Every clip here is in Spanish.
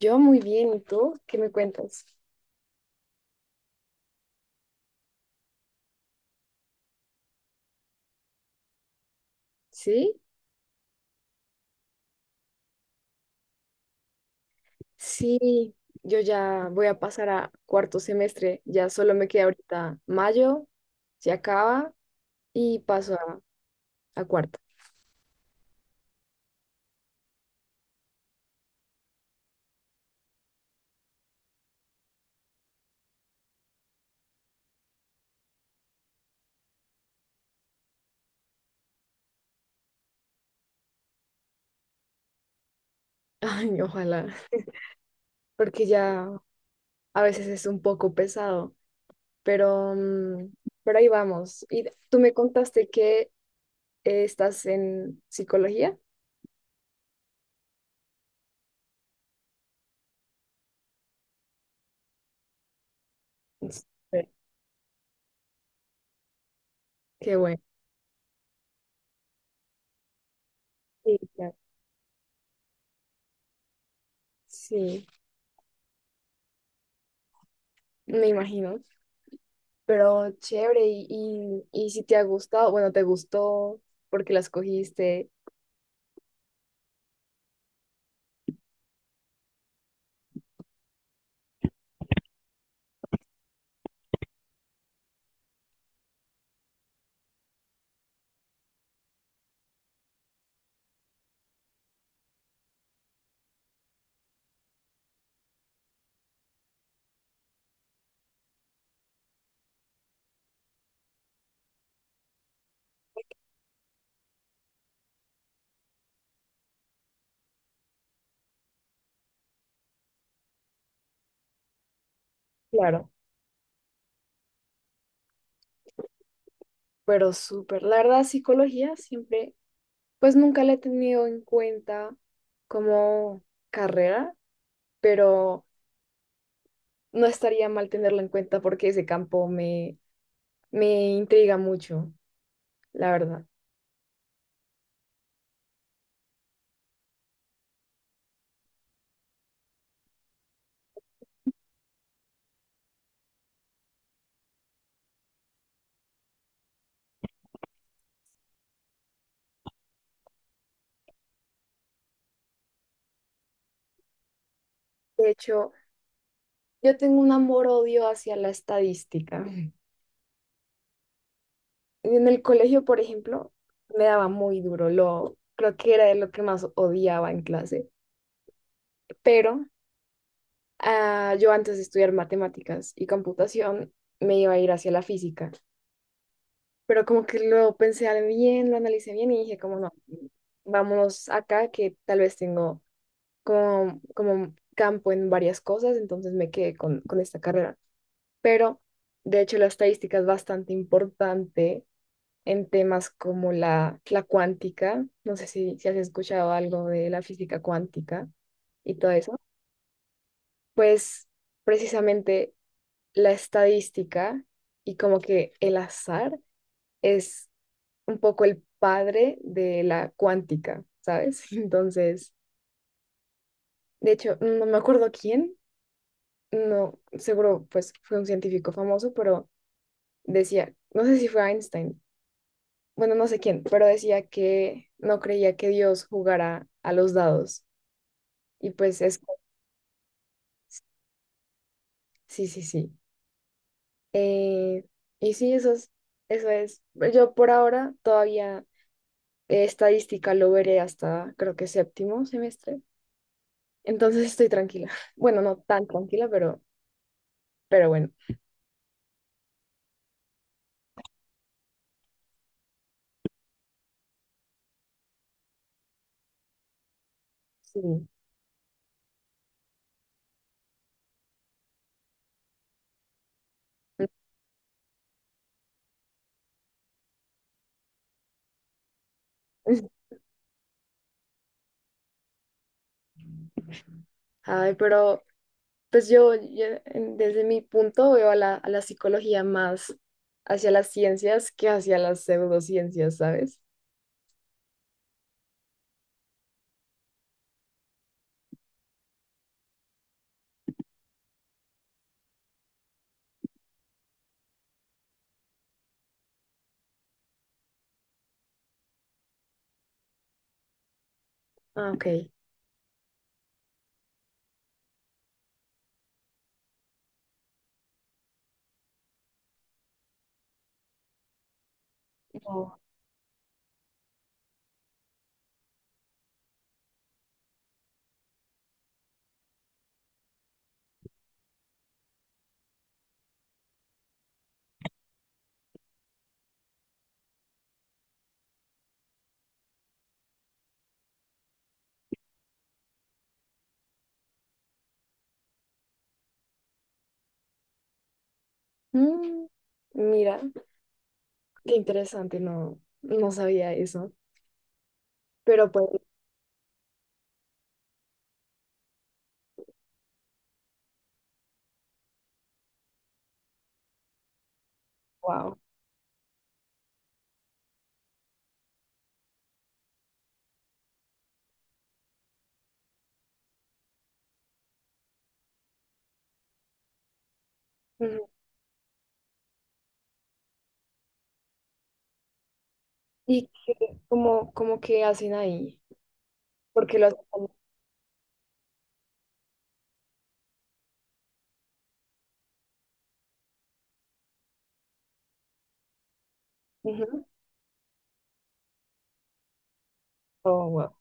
Yo muy bien, ¿y tú? ¿Qué me cuentas? ¿Sí? Sí, yo ya voy a pasar a cuarto semestre, ya solo me queda ahorita mayo, se acaba y paso a cuarto. Ay, ojalá, porque ya a veces es un poco pesado, pero, pero ahí vamos. Y tú me contaste que estás en psicología. Sí. Qué bueno. Sí, claro. Sí, me imagino. Pero chévere, y si te ha gustado, bueno, te gustó porque la escogiste. Claro. Pero súper, la verdad, psicología siempre, pues nunca la he tenido en cuenta como carrera, pero no estaría mal tenerla en cuenta porque ese campo me, me intriga mucho, la verdad. De hecho, yo tengo un amor-odio hacia la estadística. En el colegio, por ejemplo, me daba muy duro. Lo, creo que era de lo que más odiaba en clase. Pero yo antes de estudiar matemáticas y computación me iba a ir hacia la física. Pero como que lo pensé bien, lo analicé bien y dije, como no, vámonos acá que tal vez tengo como, como campo en varias cosas, entonces me quedé con esta carrera. Pero de hecho la estadística es bastante importante en temas como la cuántica, no sé si, si has escuchado algo de la física cuántica y todo eso, pues precisamente la estadística y como que el azar es un poco el padre de la cuántica, ¿sabes? Entonces, de hecho, no me acuerdo quién, no, seguro pues fue un científico famoso, pero decía, no sé si fue Einstein, bueno, no sé quién, pero decía que no creía que Dios jugara a los dados. Y pues es, sí, sí, sí. Eh, y sí, eso es, eso es. Yo por ahora todavía estadística lo veré hasta creo que séptimo semestre. Entonces estoy tranquila. Bueno, no tan tranquila, pero bueno. Sí. Ay, pero pues desde mi punto veo a la psicología más hacia las ciencias que hacia las pseudociencias, ¿sabes? Ah, ok. No. Mm, mira. Qué interesante, no, no sabía eso. Pero pues, wow. Ujú. ¿Y cómo, cómo que hacen ahí? Porque los... Ujú. Oh, wow.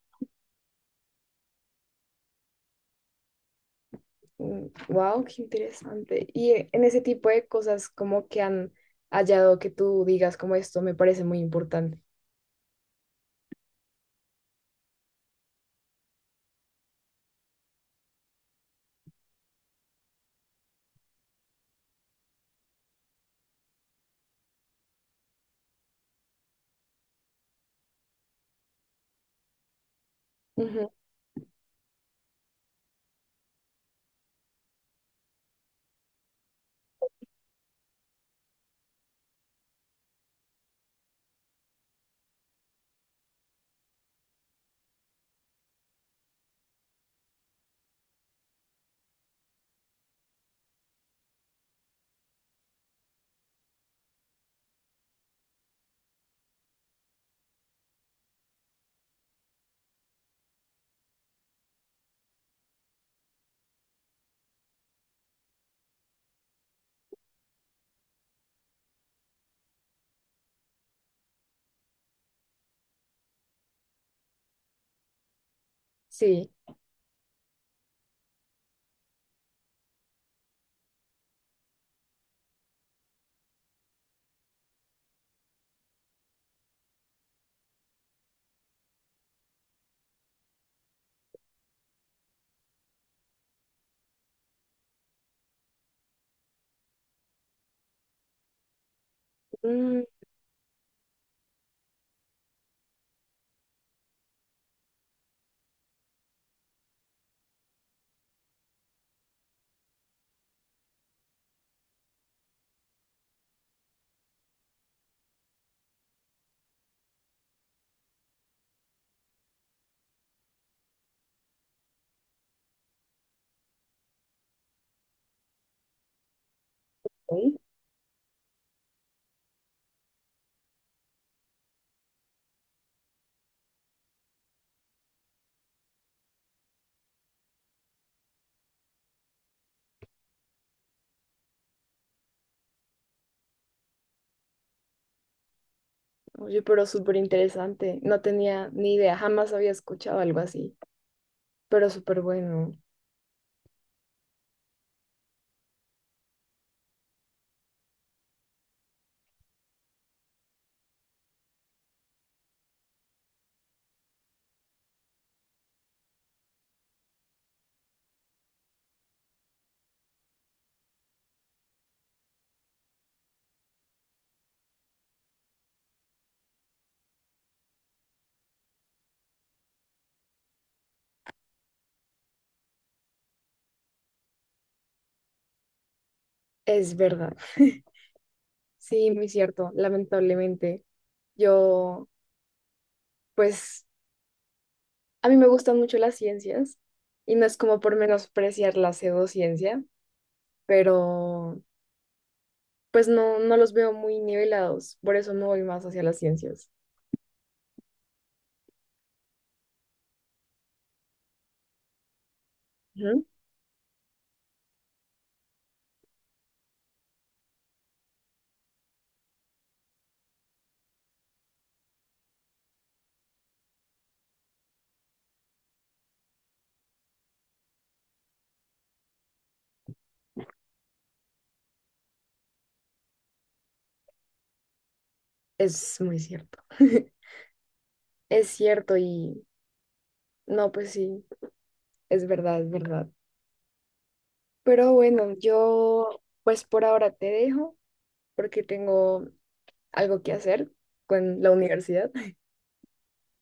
Mm, wow, qué interesante. Y en ese tipo de cosas, ¿cómo que han hallado que tú digas como esto me parece muy importante? Ujú. Sí. Mm, ok. Oye, pero súper interesante. No tenía ni idea, jamás había escuchado algo así, pero súper bueno. Es verdad. Sí, muy cierto, lamentablemente. Yo, pues, a mí me gustan mucho las ciencias y no es como por menospreciar la pseudociencia, pero pues no, no los veo muy nivelados, por eso me voy más hacia las ciencias. Ujú. Es muy cierto. Es cierto y no, pues sí, es verdad, es verdad. Pero bueno, yo pues por ahora te dejo porque tengo algo que hacer con la universidad,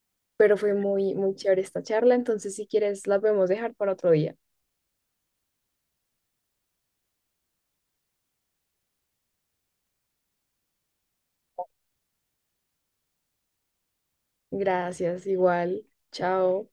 pero fue muy, muy chévere esta charla, entonces si quieres la podemos dejar para otro día. Gracias, igual. Chao.